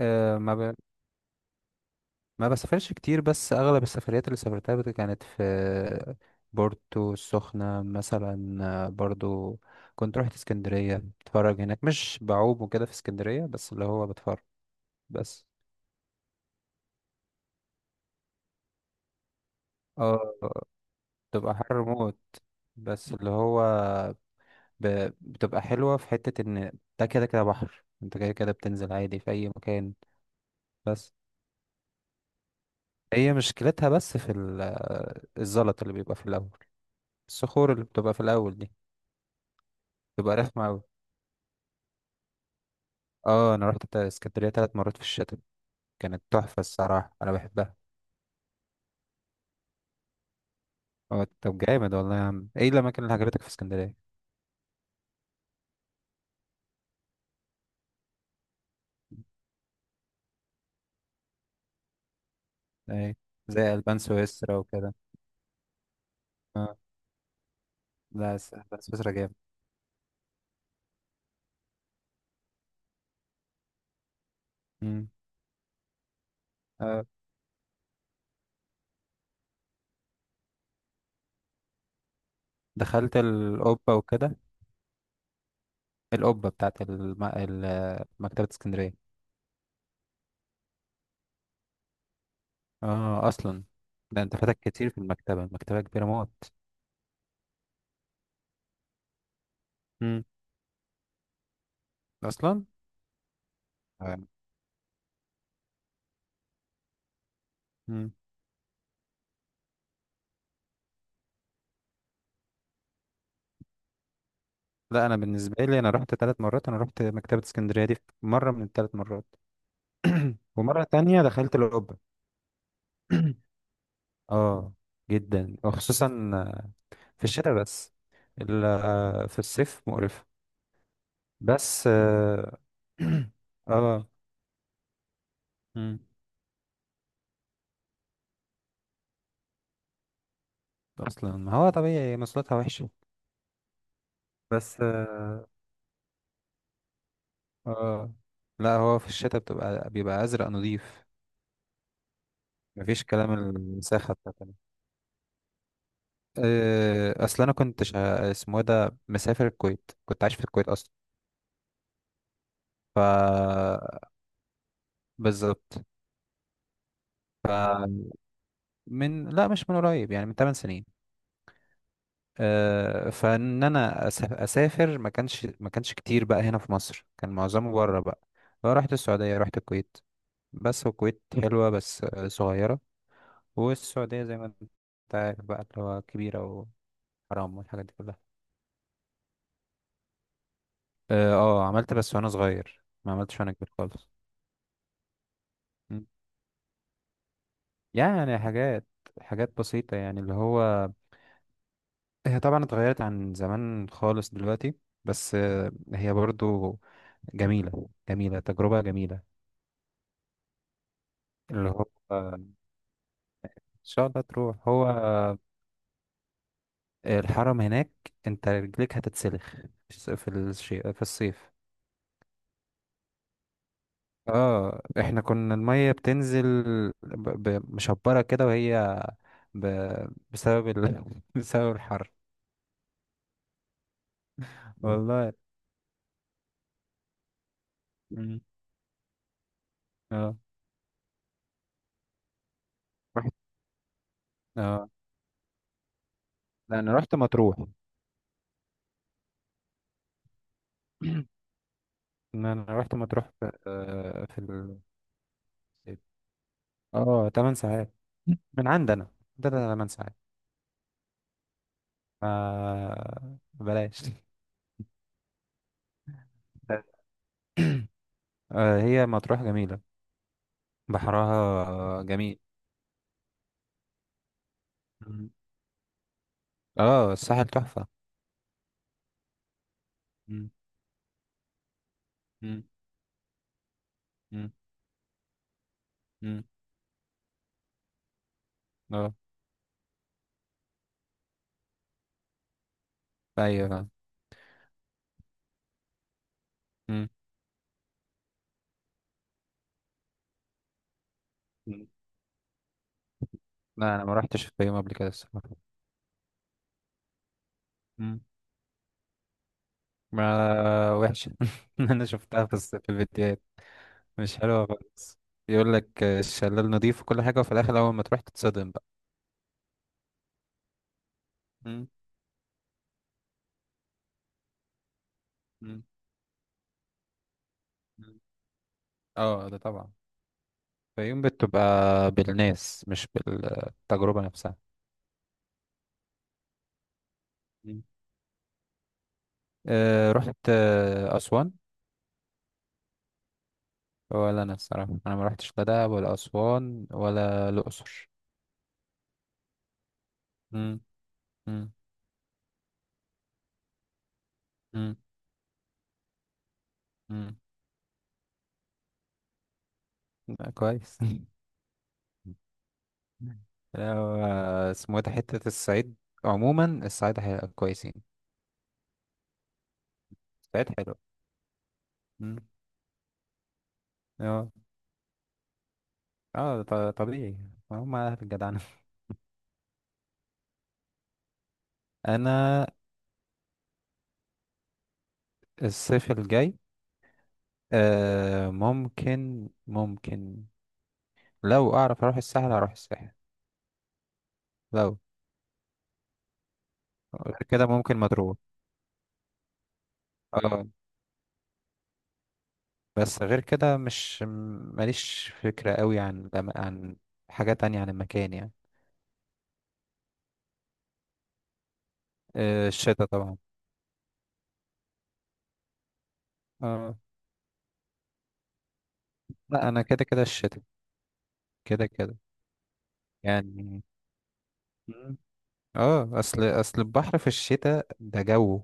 آه، ما بسافرش كتير، بس اغلب السفريات اللي سافرتها كانت في بورتو السخنة مثلا. برضو كنت رحت اسكندرية، بتفرج هناك، مش بعوم وكده في اسكندرية، بس اللي هو بتفرج بس. اه، بتبقى حر موت، بس اللي هو ب... بتبقى حلوة في حتة ان ده كده كده بحر، انت كده كده بتنزل عادي في اي مكان. بس هي مشكلتها بس في الزلط اللي بيبقى في الاول، الصخور اللي بتبقى في الاول دي تبقى رخمة أوي. اه، انا رحت اسكندرية ثلاث مرات في الشتاء، كانت تحفة الصراحة، انا بحبها. اه طب جامد والله يا عم، ايه الاماكن اللي عجبتك في اسكندرية؟ ايه، زي البان سويسرا وكده. اه لا، البان سويسرا جامد. مم. اه، دخلت القبة وكده، القبة بتاعت مكتبة اسكندرية. اه اصلا. ده انت فاتك كتير في المكتبة، المكتبة كبيرة موت. مم. اصلا. آه. مم. لا، انا بالنسبة لي انا رحت 3 مرات، انا رحت مكتبة اسكندرية دي في مرة من الثلاث مرات. ومرة تانية دخلت القبة. اه، جدا وخصوصا في الشتاء، بس في الصيف مقرفة. بس آه، مم. اصلا، ما هو طبيعي مواصلاتها وحشة. بس آه. لا، هو في الشتاء بيبقى ازرق نظيف، مفيش كلام، المساحة بتاعتنا. اصل انا كنت اسمه إيه ده، مسافر الكويت، كنت عايش في الكويت اصلا. ف بالظبط. من، لا، مش من قريب، يعني من 8 سنين. فان انا اسافر ما كانش كتير بقى هنا في مصر، كان معظمه بره بقى، رحت السعودية، رحت الكويت. بس الكويت حلوة، بس صغيرة. والسعودية زي ما انت عارف بقى اللي هو كبيرة، وحرام والحاجات دي كلها. اه، عملت بس وانا صغير، ما عملتش وانا كبير خالص. م. يعني حاجات، حاجات بسيطة، يعني اللي هو هي طبعا اتغيرت عن زمان خالص دلوقتي، بس هي برضو جميلة، جميلة، تجربة جميلة. اللي هو إن شاء الله تروح، هو الحرم هناك أنت رجليك هتتسلخ في الشيء، في الصيف. اه، احنا كنا المية بتنزل مشبرة كده، وهي ب... بسبب بسبب الحر، والله. مم. اه، رحت. اه لا، انا رحت مطروح. إن انا رحت مطروح في، 8 ساعات من عندنا، عندنا 8 ساعات. بلاش. هي مطروح جميلة، بحرها جميل. مم. اه، الساحل تحفة. مم. مم. مم. مم. اه ايوه، فاهم. مم. مم. لا، انا ما رحتش في يوم قبل كده الصراحة. مم. ما وحشة. انا شفتها في الفيديوهات، مش حلوة خالص، يقول لك الشلال نضيف وكل حاجة، وفي الاخر اول ما تروح تتصدم بقى. مم. مم. مم. اه ده طبعا. فيوم بتبقى بالناس، مش بالتجربة نفسها. مم. أه، رحت أسوان؟ ولا أنا الصراحة أنا ما رحتش لا دهب ولا أسوان ولا الأقصر. مم، مم، مم، مم. لا، كويس. لو اسمه إيه ده حتة الصعيد، عموما الصعيد حلو، كويسين، الصعيد حلو. مم. اه، اه، طبيعي، هم أهل الجدعنة. أنا. الصيف الجاي. ممكن، ممكن، لو اعرف اروح الساحل هروح الساحل. لو غير كده ممكن مطروح. اه، بس غير كده مش ماليش فكرة قوي عن عن حاجة تانية عن المكان، يعني. الشتا طبعا. اه لا، انا كده كده الشتا، كده كده يعني. مم. اه، اصل البحر في الشتاء ده جو،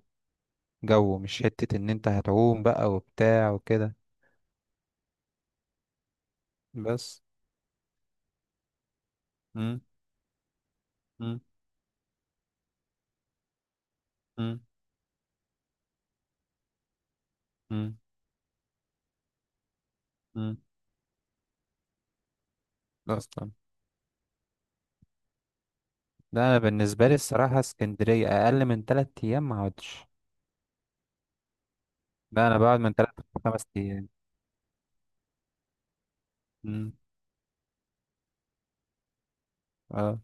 جو مش حتة ان انت هتعوم بقى وبتاع وكده بس. مم. مم. مم. مم. مم. اصلا، ده انا بالنسبه لي الصراحه اسكندريه اقل من 3 ايام ما اقعدش، ده انا بقعد من ثلاث لخمس ايام. امم اه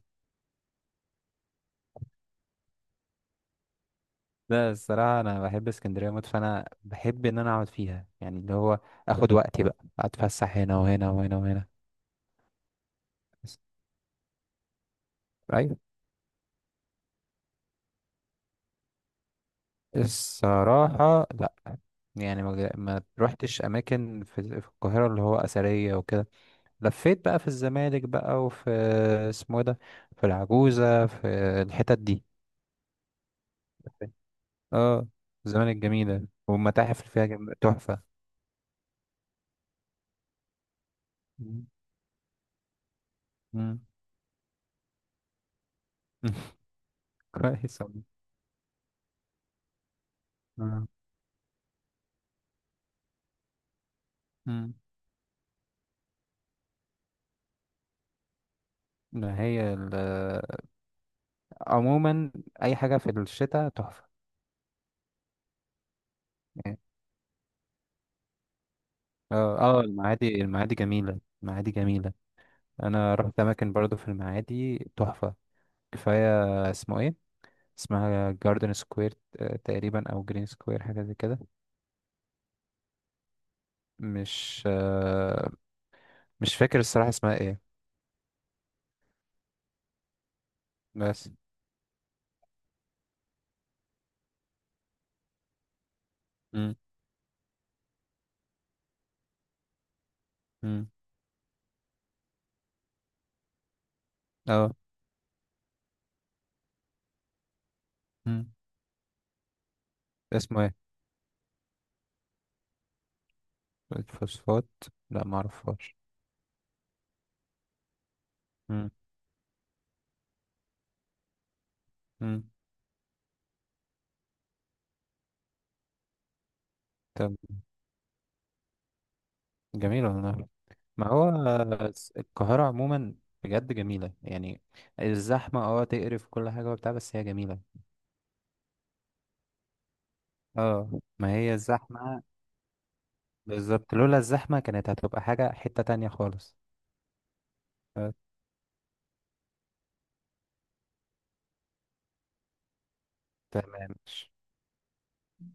لا، الصراحه انا بحب اسكندريه موت، فانا بحب ان انا اقعد فيها، يعني اللي هو اخد وقتي بقى، اتفسح هنا وهنا وهنا وهنا. بس- ايوه. الصراحه لا، يعني ما روحتش اماكن في القاهره اللي هو اثريه وكده، لفيت بقى في الزمالك بقى، وفي، اسمه إيه ده، في العجوزه، في الحتت دي. اه، زمان الجميلة والمتاحف اللي فيها تحفة. مم. مم. كويس والله. آه. مم. ما هي ال... عموما أي حاجة في الشتاء تحفة، يعني. اه، اه، المعادي، المعادي جميلة، المعادي جميلة. أنا رحت أماكن برضو في المعادي تحفة. كفاية اسمه إيه، اسمها جاردن سكوير تقريبا، أو جرين سكوير، حاجة زي كده. مش آه مش فاكر الصراحة اسمها إيه. بس. مم. مم. اه. مم. اسمه إيه الفوسفات؟ لا، ما اعرفهاش. مم. مم. طب جميل والله. ما هو القاهرة عموما بجد جميلة، يعني الزحمة تقرف كل حاجة وبتاع، بس هي جميلة. اه، ما هي الزحمة، بالظبط، لولا الزحمة كانت هتبقى حاجة حتة تانية خالص. آه، تمام